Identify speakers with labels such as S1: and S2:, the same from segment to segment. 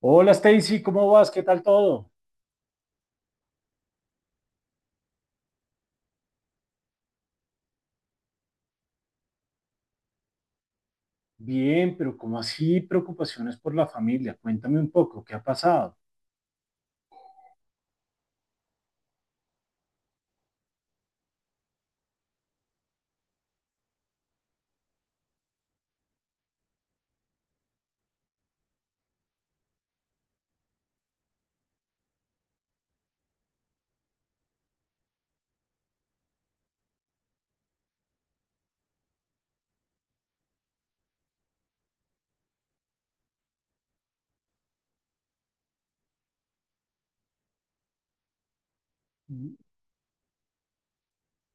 S1: Hola Stacy, ¿cómo vas? ¿Qué tal todo? Bien, pero ¿cómo así preocupaciones por la familia? Cuéntame un poco, ¿qué ha pasado?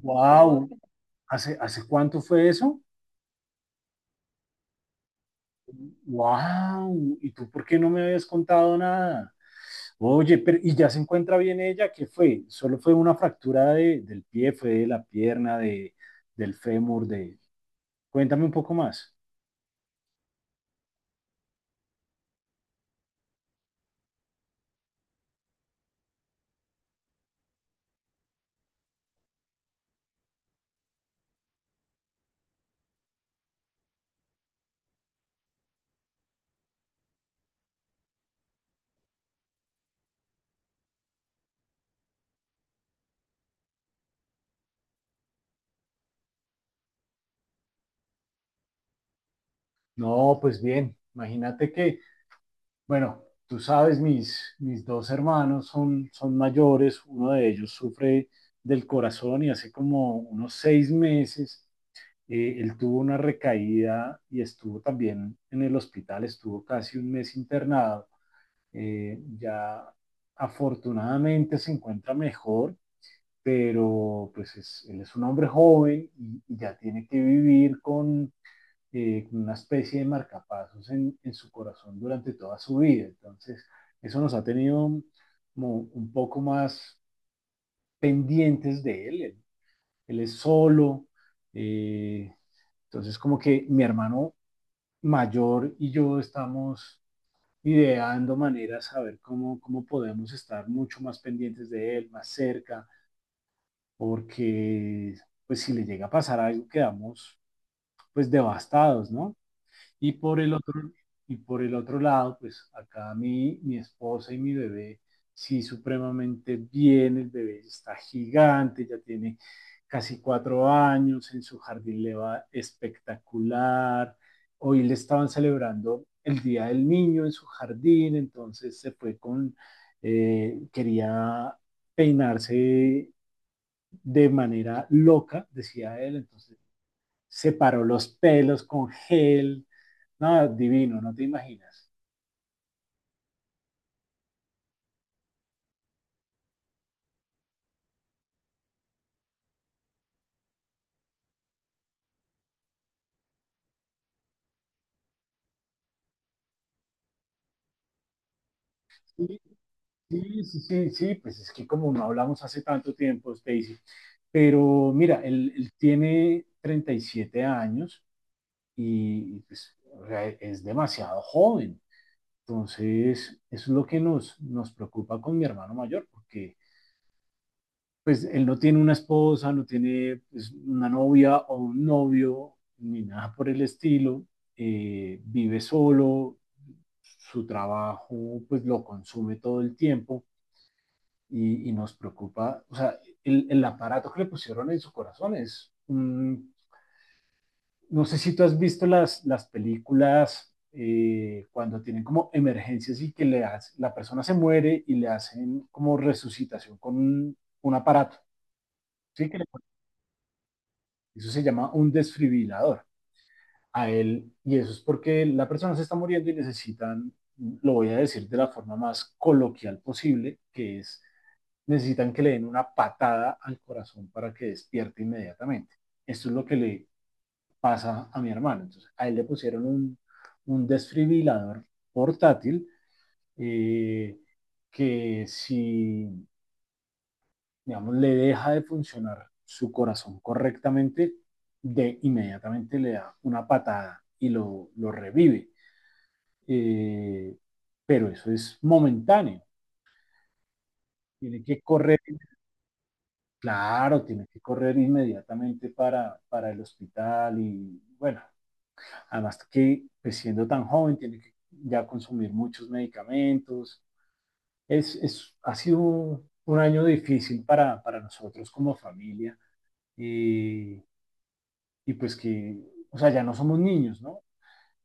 S1: Wow, ¿hace cuánto fue eso? Wow, ¿y tú por qué no me habías contado nada? Oye, pero ¿y ya se encuentra bien ella? ¿Qué fue? ¿Solo fue una del pie, fue de la pierna, de, del fémur, de... Cuéntame un poco más. No, pues bien, imagínate que bueno, tú sabes, mis dos hermanos son mayores, uno de ellos sufre del corazón y hace como unos 6 meses él tuvo una recaída y estuvo también en el hospital, estuvo casi un mes internado. Ya afortunadamente se encuentra mejor, pero pues es, él es un hombre joven y ya tiene que vivir con una especie de marcapasos en su corazón durante toda su vida. Entonces, eso nos ha tenido como un poco más pendientes de él. Él es solo. Eh, entonces, como que mi hermano mayor y yo estamos ideando maneras a ver cómo podemos estar mucho más pendientes de él, más cerca, porque pues si le llega a pasar algo quedamos pues devastados, ¿no? Y por el otro, y por el otro lado, pues acá mi, mi esposa y mi bebé, sí, supremamente bien, el bebé está gigante, ya tiene casi 4 años, en su jardín le va espectacular. Hoy le estaban celebrando el Día del Niño en su jardín, entonces se fue con, quería peinarse de manera loca, decía él, entonces se paró los pelos con gel, no, divino, no te imaginas. Sí, sí, sí, sí, sí, pues es que como no hablamos hace tanto tiempo, Stacy, pero mira, él tiene 37 años y pues, o sea, es demasiado joven. Entonces, eso es lo que nos preocupa con mi hermano mayor, porque pues él no tiene una esposa, no tiene pues, una novia o un novio, ni nada por el estilo, vive solo, su trabajo pues lo consume todo el tiempo y nos preocupa, o sea, aparato que le pusieron en su corazón es, mm, no sé si tú has visto las películas cuando tienen como emergencias y que le hace, la persona se muere y le hacen como resucitación con un aparato, ¿sí? Que le, eso se llama un desfibrilador a él y eso es porque la persona se está muriendo y necesitan, lo voy a decir de la forma más coloquial posible, que es necesitan que le den una patada al corazón para que despierte inmediatamente. Esto es lo que le pasa a mi hermano. Entonces, a él le pusieron un desfibrilador portátil eh, que si, digamos, le deja de funcionar su corazón correctamente, de inmediatamente le da una patada y lo revive. Eh, pero eso es momentáneo. Tiene que correr claro, tiene que correr inmediatamente para el hospital y bueno, además que pues, siendo tan joven tiene que ya consumir muchos medicamentos. Ha sido un año difícil para nosotros como familia y, y pues que, o sea, ya no somos niños, ¿no?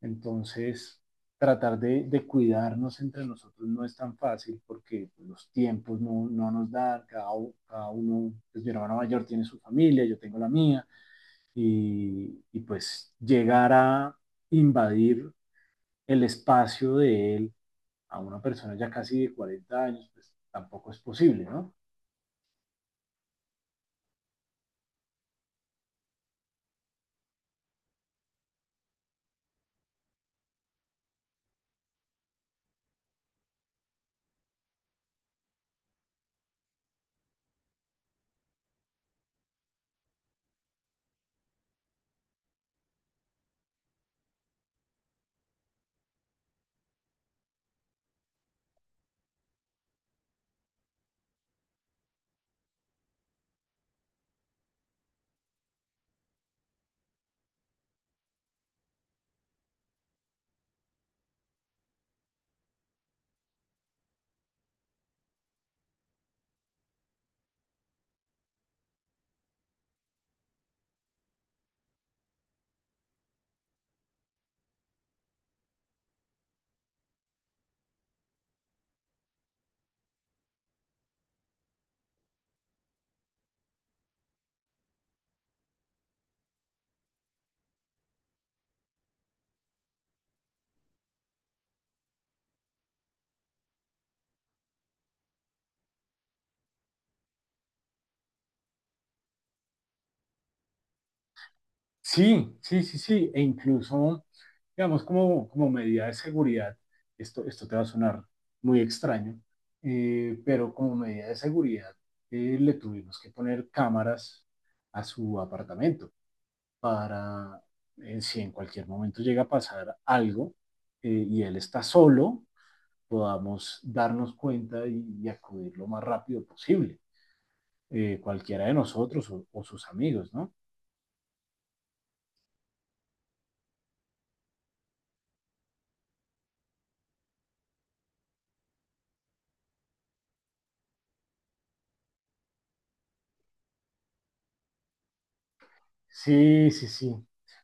S1: Entonces, tratar de cuidarnos entre nosotros no es tan fácil porque los tiempos no nos dan, cada, cada uno, pues mi hermano mayor tiene su familia, yo tengo la mía, y pues llegar a invadir el espacio de él a una persona ya casi de 40 años, pues tampoco es posible, ¿no? Sí, sí, sí, sí, e incluso, digamos, como, como medida de seguridad, esto te va a sonar muy extraño, pero como medida de seguridad le tuvimos que poner cámaras a su apartamento para si en cualquier momento llega a pasar algo y él está solo, podamos darnos cuenta y acudir lo más rápido posible, cualquiera de nosotros o, sus amigos, ¿no? Sí, sí, sí.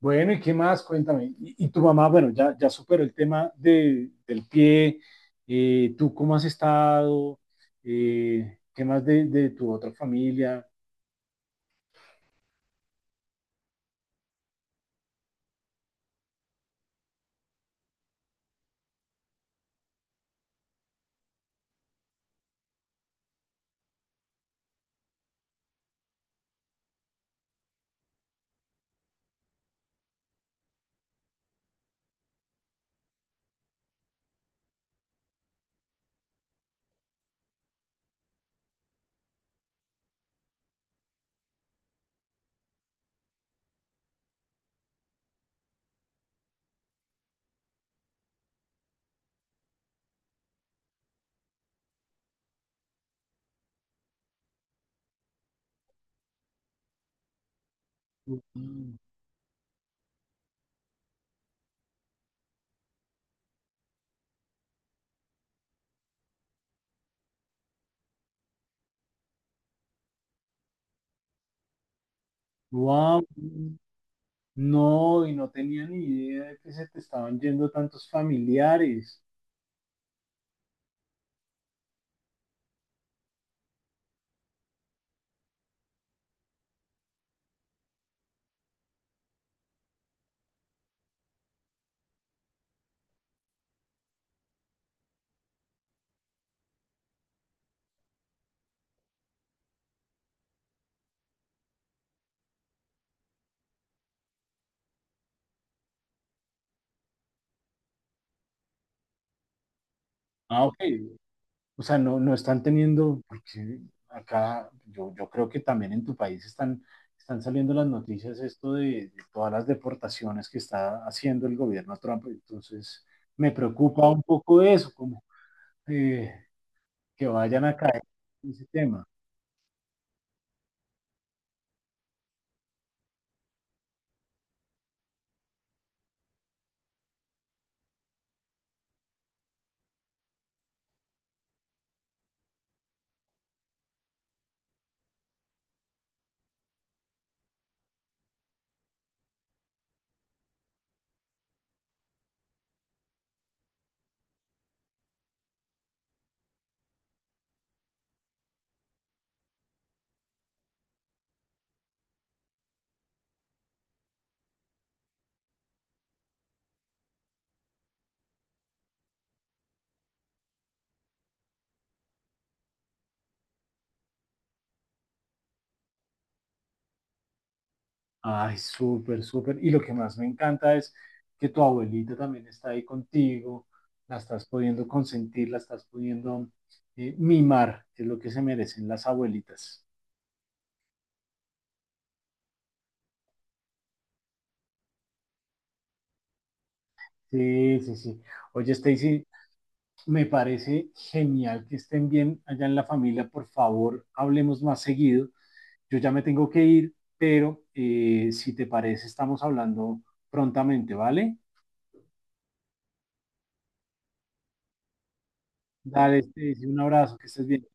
S1: Bueno, ¿y qué más? Cuéntame. Y tu mamá, bueno, ya, ya superó el tema de, del pie. ¿Tú cómo has estado? ¿Qué más de, tu otra familia? Wow, no, y no tenía ni idea de que se te estaban yendo tantos familiares. Ah, ok, o sea, no, no están teniendo, porque acá yo, yo creo que también en tu país están, están saliendo las noticias esto de todas las deportaciones que está haciendo el gobierno Trump. Entonces, me preocupa un poco eso, como eh, que vayan a caer en ese tema. Ay, súper, súper. Y lo que más me encanta es que tu abuelita también está ahí contigo, la estás pudiendo consentir, la estás pudiendo mimar, que es lo que se merecen las abuelitas. Sí, sí, sí. Oye, Stacy, me parece genial que estén bien allá en la familia. Por favor, hablemos más seguido. Yo ya me tengo que ir, pero si te parece, estamos hablando prontamente, ¿vale? Dale, Stacy, un abrazo, que estés bien.